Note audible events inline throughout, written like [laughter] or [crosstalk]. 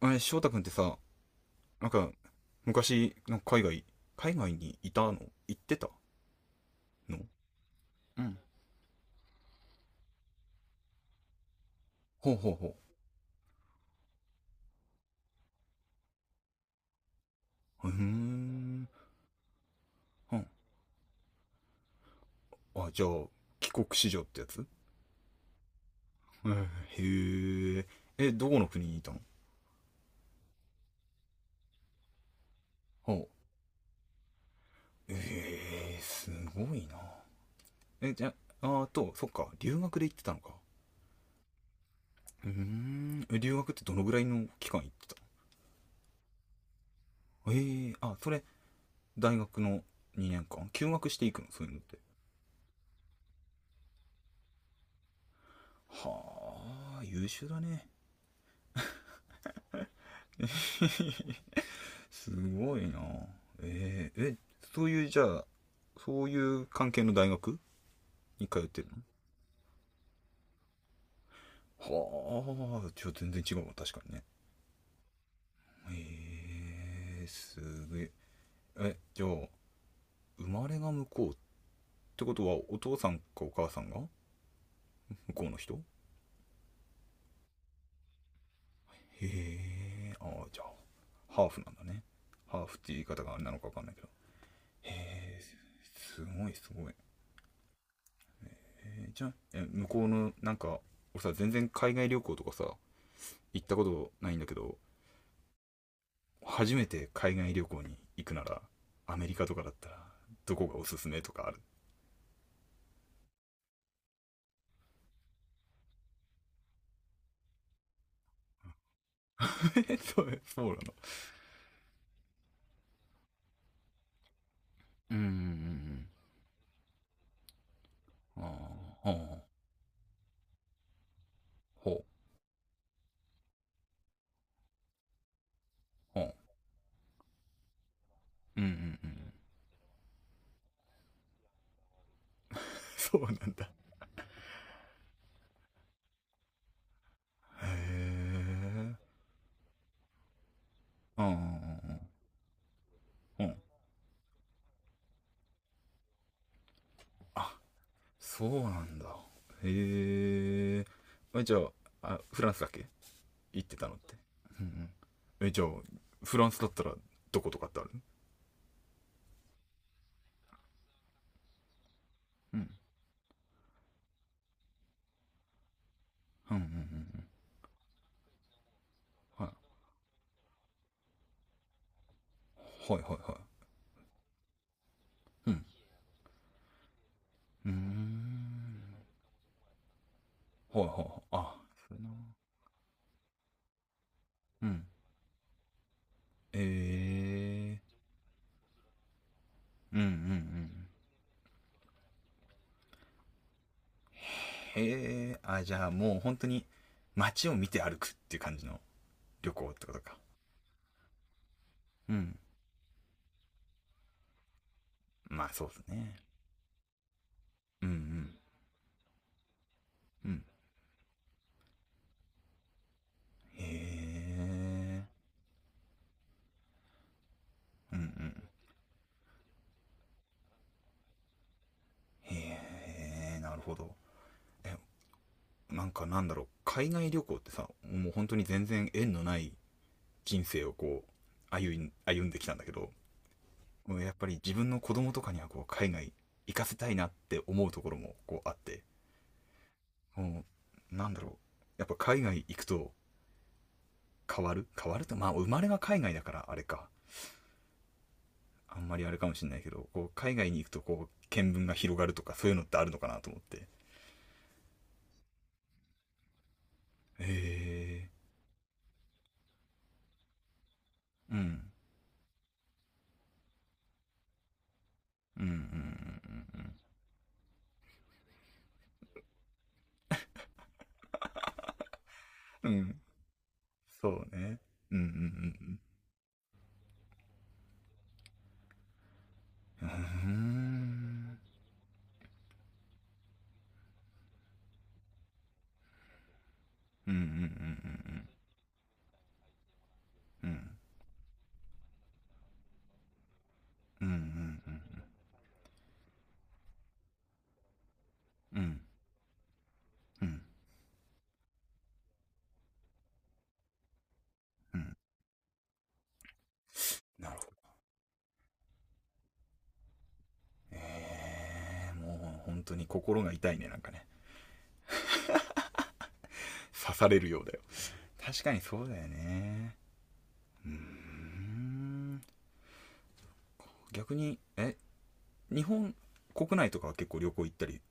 あれ、翔太くんってさ、なんか、昔、なんか海外にいたの、行ってたの？うん。ほうほうほう。うーん。うん。あ、じゃあ、帰国子女ってやつ？へえ。え、どこの国にいたの？ほう。ええ、すごいな。え、じゃあ、あ、と、そっか、留学で行ってたのか。うーん。え、留学ってどのぐらいの期間行ってたの？あ、それ、大学の2年間休学していくの、そういうのって？はあ、優秀だね。すごいな。えー、えそういうじゃあ、そういう関係の大学に通ってるの？はあ、ちょっと全然違うわ、確かにね。すげえ。じゃあ、生まれが向こうってことは、お父さんかお母さんが向こうの人？へえ。ああ、じゃあ、ハーフなんだね。ハーフって言い方があれなのか分かんないけど、すごいすごい。じゃあ、向こうのなんか俺さ、全然海外旅行とかさ行ったことないんだけど、初めて海外旅行に行くなら、アメリカとかだったら、どこがおすすめとかある？え、 [laughs] そう、[laughs] そうなの。うんうんうん。ああ、ほう、ほう、ほう。うんうんうん。そうなんだ。へえ。うんうんうんうん。あ、そうなんだ。へえ。え、じゃあ、あ、フランスだっけ、行ってたのって？うんうん。え、じゃあ、フランスだったら、どことかってある？うんうんうんうん。はい。はいはいはい。うん。うーん。ほいほいほい。あ、それな。うん。ええー、うんうんうん。へえ。あ、じゃあ、もう本当に街を見て歩くっていう感じの旅行ってことか。うん。まあそうですね。うんうん。うん。へえ。うんうん。へえ、なるほど。え、なんか、なんだろう。海外旅行ってさ、もう本当に全然縁のない人生をこう、歩んできたんだけど、もうやっぱり自分の子供とかにはこう海外行かせたいなって思うところもこうあって、もうなんだろう。やっぱ海外行くと変わる変わると、まあ生まれが海外だからあれか。あんまりあれかもしれないけど、こう海外に行くとこう見聞が広がるとかそういうのってあるのかなと思って。へえ。うん。うんうんうんうんうん。うん、そうね。うんうんうんうん。うん。うんうんうんうんうん。うんうんうんうんうん。うんうんうん。なるほど。もう本当に心が痛いね、なんかね。刺されるようだよ。確かにそうだよね。うーん。逆に、え、日本国内とかは結構旅行行ったり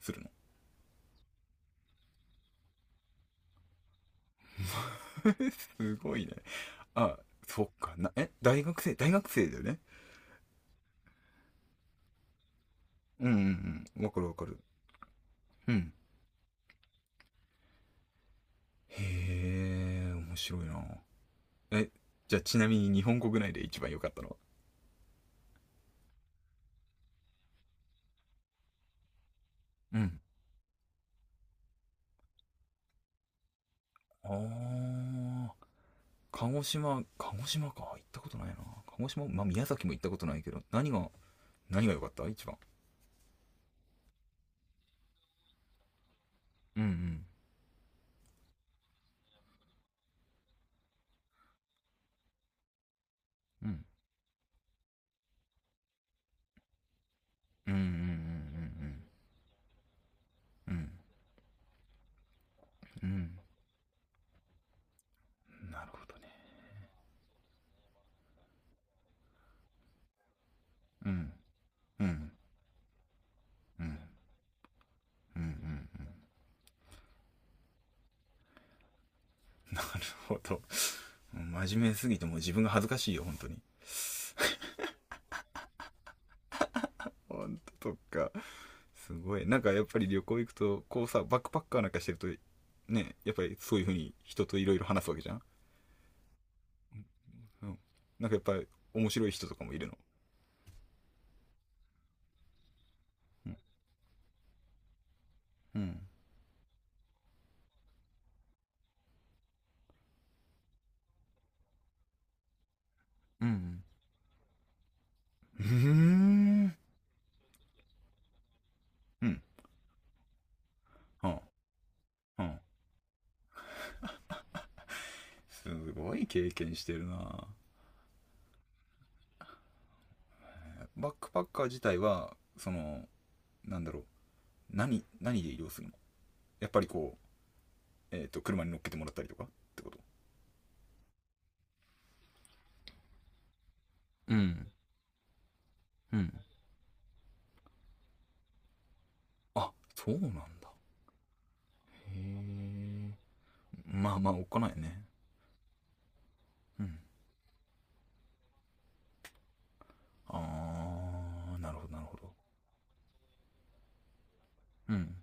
するの？ [laughs] すごいね。あ、そっか。大学生だよね？うんうんうん。わかるわかる。うん。へえ、面白いな。え、じゃあ、ちなみに日本国内で一番良かったのは？うん。ああ。鹿児島、鹿児島か。行ったことないな。鹿児島、まあ、宮崎も行ったことないけど、何が良かった、一番？うんうん。うん。うんうんうんうんうんうん。うん。なるほどね。うん。うん。うん。うんうんうん。なるほど。真面目すぎて、もう自分が恥ずかしいよ、本当に。本当とか？すごい。なんかやっぱり旅行行くと、こうさ、バックパッカーなんかしてると、ね、やっぱりそういう風に人といろいろ話すわけじゃん。うん。なんかやっぱり面白い人とかもいるの？うん。うん。うんうんうーん。うん。はあ、はあ。すごい経験してるな。バックパッカー自体は、その、なんだろう、何で移動するの？やっぱりこう、車に乗っけてもらったりとかってこと？うんうん。あ、そうなんだ。へえ。まあまあ、おっかないね。うん。あー、なるほど、なるほど。うん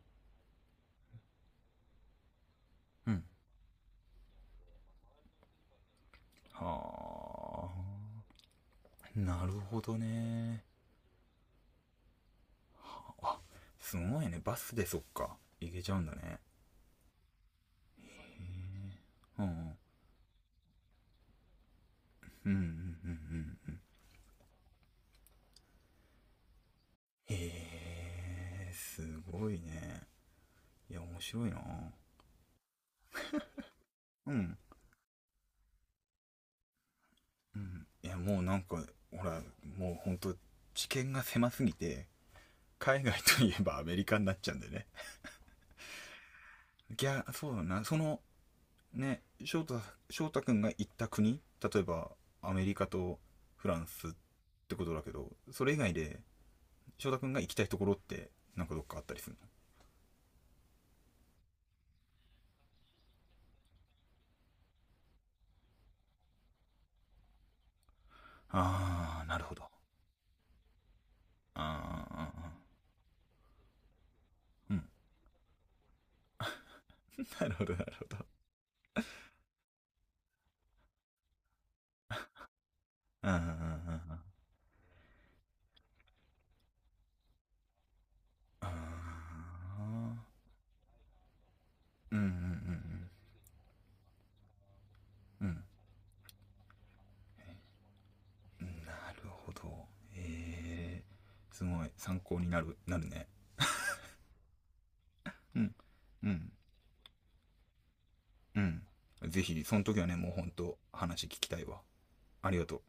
うん。はあ。なるほどね。すごいね。バスで、そっか。行けちゃうんだね。うんうんうんうんうん。へえ、すごいね。いや、面白いな。うんうん。いや、もうなんか、ほら、もうほんと知見が狭すぎて、海外といえばアメリカになっちゃうんだよね。いや、そうだな、その、ね、翔太くんが行った国、例えばアメリカとフランスってことだけど、それ以外で翔太くんが行きたいところって、なんかどっかあったりするの？ああ、なるほど。ああ。うん。 [laughs] なるほど、なるほど。うんうんうんうん。うんうんうんうん。なるほど。えすごい参考になる、ね。うん。うん。うん。ぜひ、その時はね、もうほんと話聞きたいわ。ありがとう。